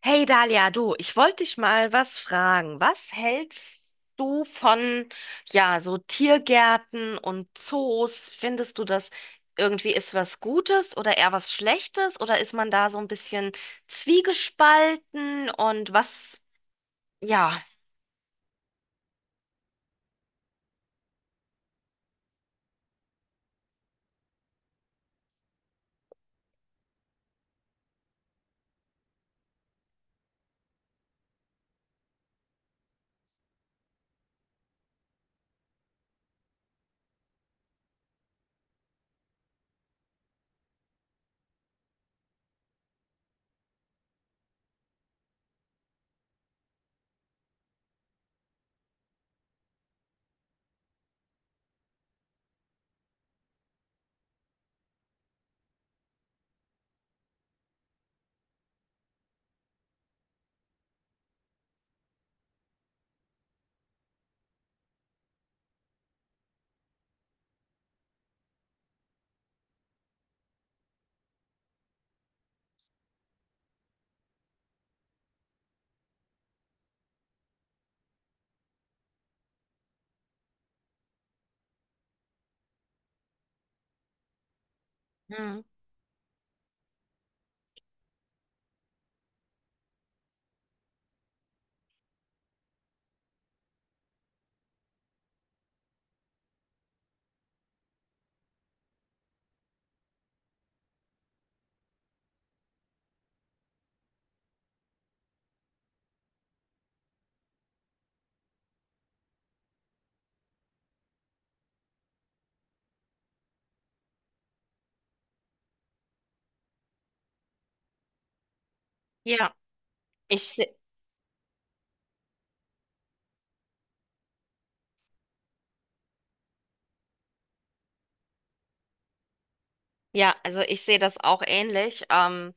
Hey Dalia, du, ich wollte dich mal was fragen. Was hältst du von, ja, so Tiergärten und Zoos? Findest du das irgendwie ist was Gutes oder eher was Schlechtes? Oder ist man da so ein bisschen zwiegespalten? Und was, ja, hm, ja, ich, se- ja, also ich sehe das auch ähnlich.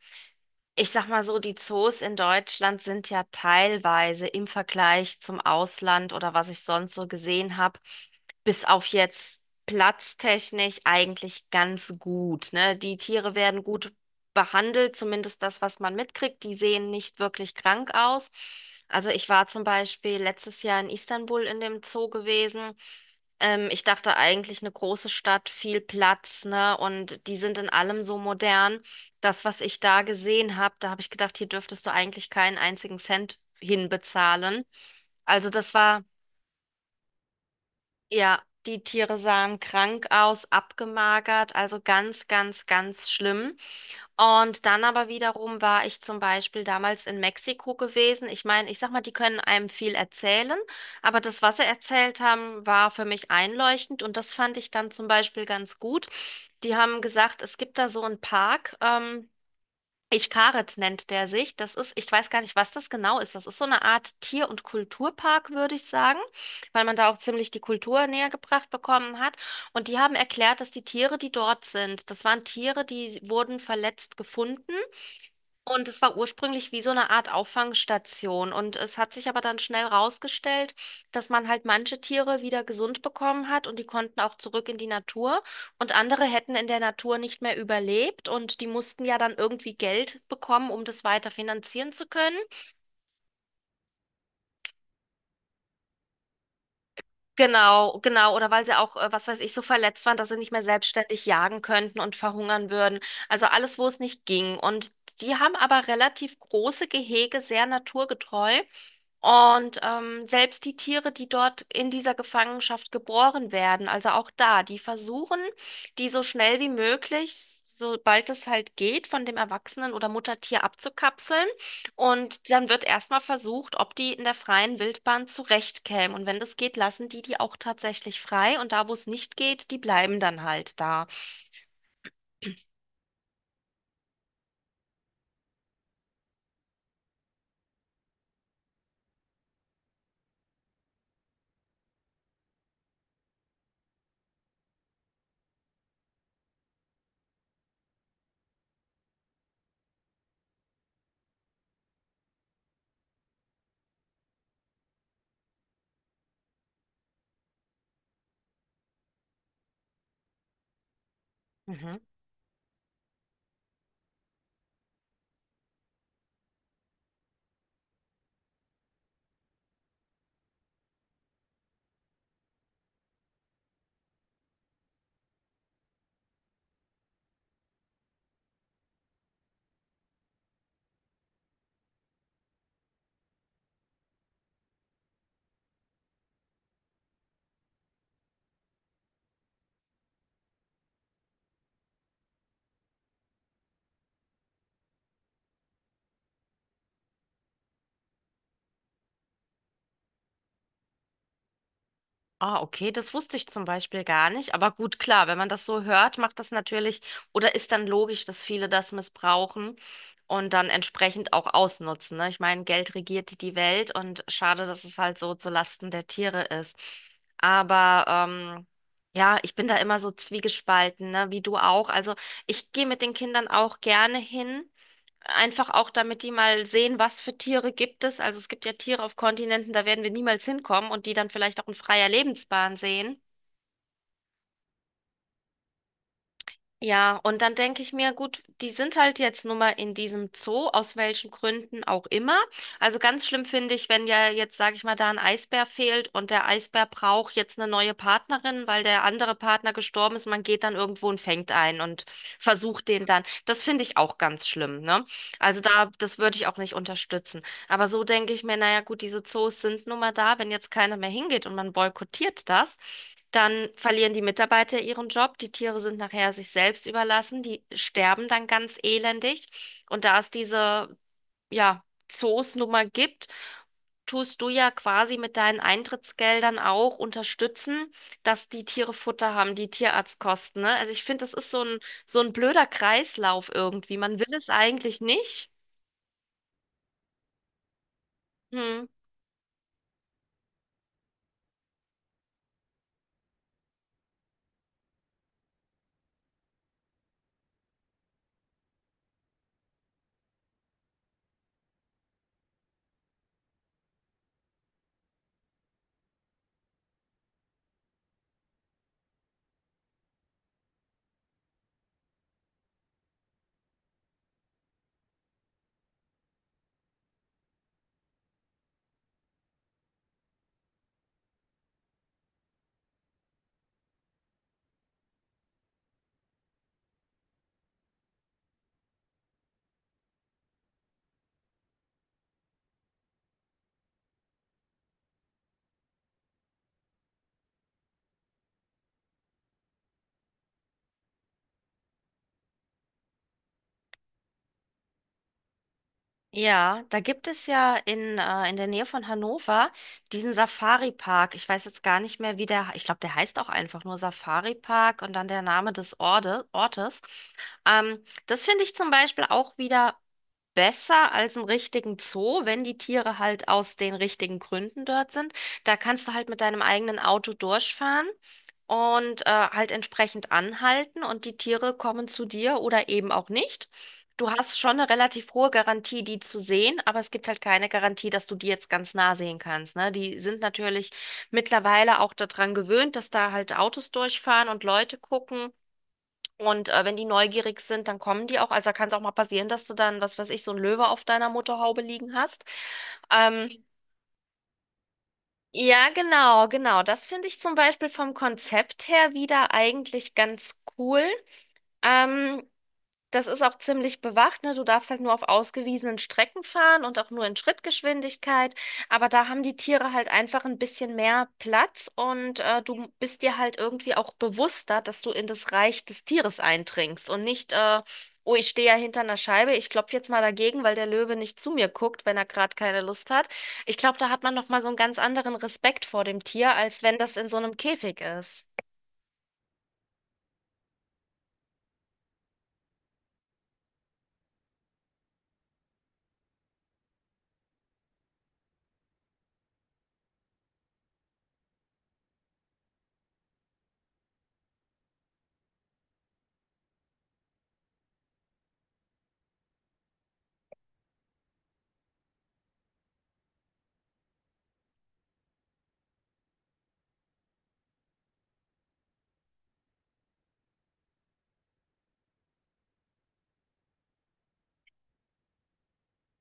Ich sag mal so, die Zoos in Deutschland sind ja teilweise im Vergleich zum Ausland oder was ich sonst so gesehen habe, bis auf jetzt platztechnisch eigentlich ganz gut, ne? Die Tiere werden gut behandelt, zumindest das, was man mitkriegt. Die sehen nicht wirklich krank aus. Also ich war zum Beispiel letztes Jahr in Istanbul in dem Zoo gewesen. Ich dachte eigentlich eine große Stadt, viel Platz, ne? Und die sind in allem so modern, das, was ich da gesehen habe, da habe ich gedacht, hier dürftest du eigentlich keinen einzigen Cent hinbezahlen. Also das war, ja, die Tiere sahen krank aus, abgemagert, also ganz, ganz, ganz schlimm. Und dann aber wiederum war ich zum Beispiel damals in Mexiko gewesen. Ich meine, ich sag mal, die können einem viel erzählen, aber das, was sie erzählt haben, war für mich einleuchtend und das fand ich dann zum Beispiel ganz gut. Die haben gesagt, es gibt da so einen Park, Ichkaret nennt der sich. Das ist, ich weiß gar nicht, was das genau ist. Das ist so eine Art Tier- und Kulturpark, würde ich sagen, weil man da auch ziemlich die Kultur näher gebracht bekommen hat. Und die haben erklärt, dass die Tiere, die dort sind, das waren Tiere, die wurden verletzt gefunden und es war ursprünglich wie so eine Art Auffangstation. Und es hat sich aber dann schnell rausgestellt, dass man halt manche Tiere wieder gesund bekommen hat und die konnten auch zurück in die Natur. Und andere hätten in der Natur nicht mehr überlebt und die mussten ja dann irgendwie Geld bekommen, um das weiter finanzieren zu können. Genau, genau. Oder weil sie auch, was weiß ich, so verletzt waren, dass sie nicht mehr selbstständig jagen könnten und verhungern würden. Also alles, wo es nicht ging. Und die haben aber relativ große Gehege, sehr naturgetreu. Und selbst die Tiere, die dort in dieser Gefangenschaft geboren werden, also auch da, die versuchen, die so schnell wie möglich, sobald es halt geht, von dem Erwachsenen oder Muttertier abzukapseln. Und dann wird erstmal versucht, ob die in der freien Wildbahn zurechtkämen. Und wenn das geht, lassen die die auch tatsächlich frei. Und da, wo es nicht geht, die bleiben dann halt da. Mhm. Ah, okay, das wusste ich zum Beispiel gar nicht. Aber gut, klar, wenn man das so hört, macht das natürlich oder ist dann logisch, dass viele das missbrauchen und dann entsprechend auch ausnutzen, ne? Ich meine, Geld regiert die Welt und schade, dass es halt so zu Lasten der Tiere ist. Aber ja, ich bin da immer so zwiegespalten, ne? Wie du auch. Also ich gehe mit den Kindern auch gerne hin. Einfach auch, damit die mal sehen, was für Tiere gibt es. Also es gibt ja Tiere auf Kontinenten, da werden wir niemals hinkommen und die dann vielleicht auch in freier Lebensbahn sehen. Ja, und dann denke ich mir, gut, die sind halt jetzt nun mal in diesem Zoo, aus welchen Gründen auch immer. Also ganz schlimm finde ich, wenn ja jetzt, sage ich mal, da ein Eisbär fehlt und der Eisbär braucht jetzt eine neue Partnerin, weil der andere Partner gestorben ist. Man geht dann irgendwo und fängt einen und versucht den dann. Das finde ich auch ganz schlimm, ne? Also da, das würde ich auch nicht unterstützen. Aber so denke ich mir, naja, gut, diese Zoos sind nun mal da. Wenn jetzt keiner mehr hingeht und man boykottiert das, dann verlieren die Mitarbeiter ihren Job. Die Tiere sind nachher sich selbst überlassen. Die sterben dann ganz elendig. Und da es diese, ja, Zoos nun mal gibt, tust du ja quasi mit deinen Eintrittsgeldern auch unterstützen, dass die Tiere Futter haben, die Tierarztkosten, ne? Also ich finde, das ist so ein blöder Kreislauf irgendwie. Man will es eigentlich nicht. Hm. Ja, da gibt es ja in der Nähe von Hannover diesen Safari-Park. Ich weiß jetzt gar nicht mehr, wie der, ich glaube, der heißt auch einfach nur Safari-Park und dann der Name des Ortes. Ähm, Das finde ich zum Beispiel auch wieder besser als einen richtigen Zoo, wenn die Tiere halt aus den richtigen Gründen dort sind. Da kannst du halt mit deinem eigenen Auto durchfahren und halt entsprechend anhalten und die Tiere kommen zu dir oder eben auch nicht. Du hast schon eine relativ hohe Garantie, die zu sehen, aber es gibt halt keine Garantie, dass du die jetzt ganz nah sehen kannst, ne? Die sind natürlich mittlerweile auch daran gewöhnt, dass da halt Autos durchfahren und Leute gucken. Und wenn die neugierig sind, dann kommen die auch. Also da kann es auch mal passieren, dass du dann, was weiß ich, so ein Löwe auf deiner Motorhaube liegen hast. Ähm, ja, genau, genau. Das finde ich zum Beispiel vom Konzept her wieder eigentlich ganz cool. Ähm, das ist auch ziemlich bewacht, ne? Du darfst halt nur auf ausgewiesenen Strecken fahren und auch nur in Schrittgeschwindigkeit. Aber da haben die Tiere halt einfach ein bisschen mehr Platz und du bist dir halt irgendwie auch bewusster, dass du in das Reich des Tieres eindringst und nicht, oh, ich stehe ja hinter einer Scheibe, ich klopfe jetzt mal dagegen, weil der Löwe nicht zu mir guckt, wenn er gerade keine Lust hat. Ich glaube, da hat man noch mal so einen ganz anderen Respekt vor dem Tier, als wenn das in so einem Käfig ist.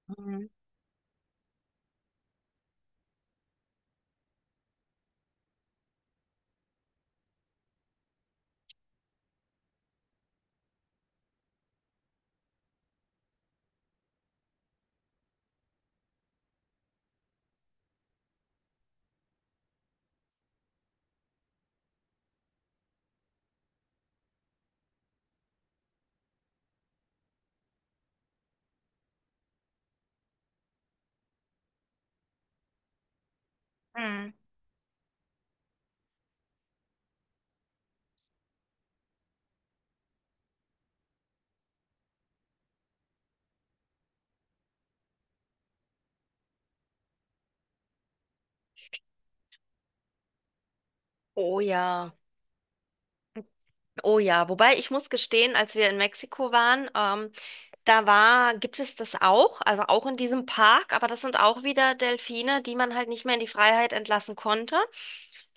Mhm. Mhm. Oh ja. Oh ja, wobei ich muss gestehen, als wir in Mexiko waren, da war, gibt es das auch, also auch in diesem Park, aber das sind auch wieder Delfine, die man halt nicht mehr in die Freiheit entlassen konnte.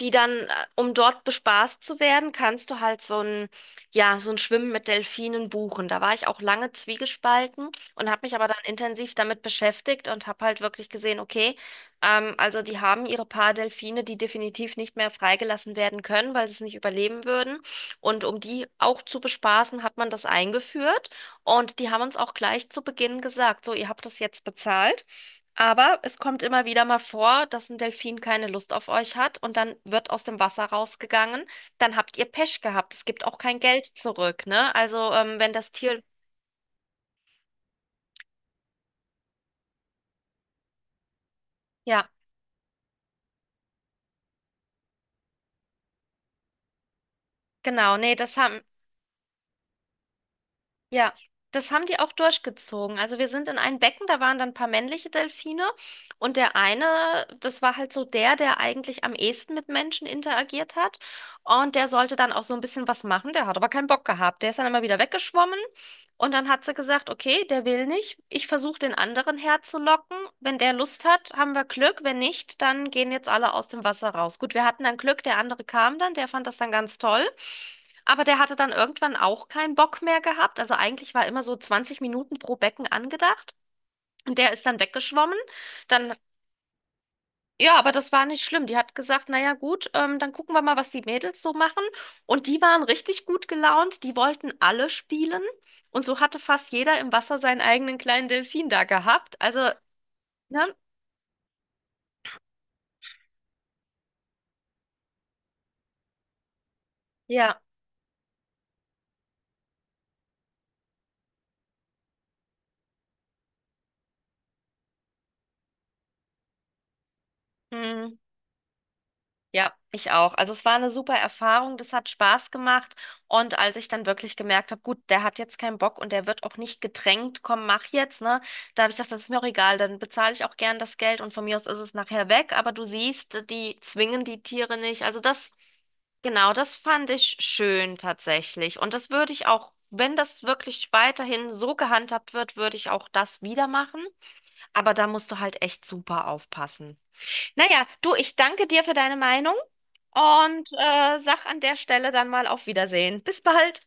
Die dann, um dort bespaßt zu werden, kannst du halt so ein, ja, so ein Schwimmen mit Delfinen buchen. Da war ich auch lange zwiegespalten und habe mich aber dann intensiv damit beschäftigt und habe halt wirklich gesehen, okay, also die haben ihre paar Delfine, die definitiv nicht mehr freigelassen werden können, weil sie es nicht überleben würden. Und um die auch zu bespaßen, hat man das eingeführt. Und die haben uns auch gleich zu Beginn gesagt, so, ihr habt das jetzt bezahlt, aber es kommt immer wieder mal vor, dass ein Delfin keine Lust auf euch hat und dann wird aus dem Wasser rausgegangen, dann habt ihr Pech gehabt. Es gibt auch kein Geld zurück, ne? Also, wenn das Tier, ja, genau, nee, das haben, ja, das haben die auch durchgezogen. Also wir sind in ein Becken, da waren dann ein paar männliche Delfine und der eine, das war halt so der, der eigentlich am ehesten mit Menschen interagiert hat und der sollte dann auch so ein bisschen was machen, der hat aber keinen Bock gehabt. Der ist dann immer wieder weggeschwommen und dann hat sie gesagt, okay, der will nicht, ich versuche den anderen herzulocken. Wenn der Lust hat, haben wir Glück, wenn nicht, dann gehen jetzt alle aus dem Wasser raus. Gut, wir hatten dann Glück, der andere kam dann, der fand das dann ganz toll. Aber der hatte dann irgendwann auch keinen Bock mehr gehabt. Also eigentlich war immer so 20 Minuten pro Becken angedacht. Und der ist dann weggeschwommen. Dann, ja, aber das war nicht schlimm. Die hat gesagt, naja, gut, dann gucken wir mal, was die Mädels so machen. Und die waren richtig gut gelaunt. Die wollten alle spielen. Und so hatte fast jeder im Wasser seinen eigenen kleinen Delfin da gehabt. Also, ne? Ja. Mm. Ja, ich auch. Also es war eine super Erfahrung, das hat Spaß gemacht. Und als ich dann wirklich gemerkt habe, gut, der hat jetzt keinen Bock und der wird auch nicht gedrängt, komm, mach jetzt, ne? Da habe ich gesagt, das ist mir auch egal, dann bezahle ich auch gern das Geld und von mir aus ist es nachher weg. Aber du siehst, die zwingen die Tiere nicht. Also das, genau, das fand ich schön tatsächlich. Und das würde ich auch, wenn das wirklich weiterhin so gehandhabt wird, würde ich auch das wieder machen. Aber da musst du halt echt super aufpassen. Naja, du, ich danke dir für deine Meinung und sag an der Stelle dann mal auf Wiedersehen. Bis bald.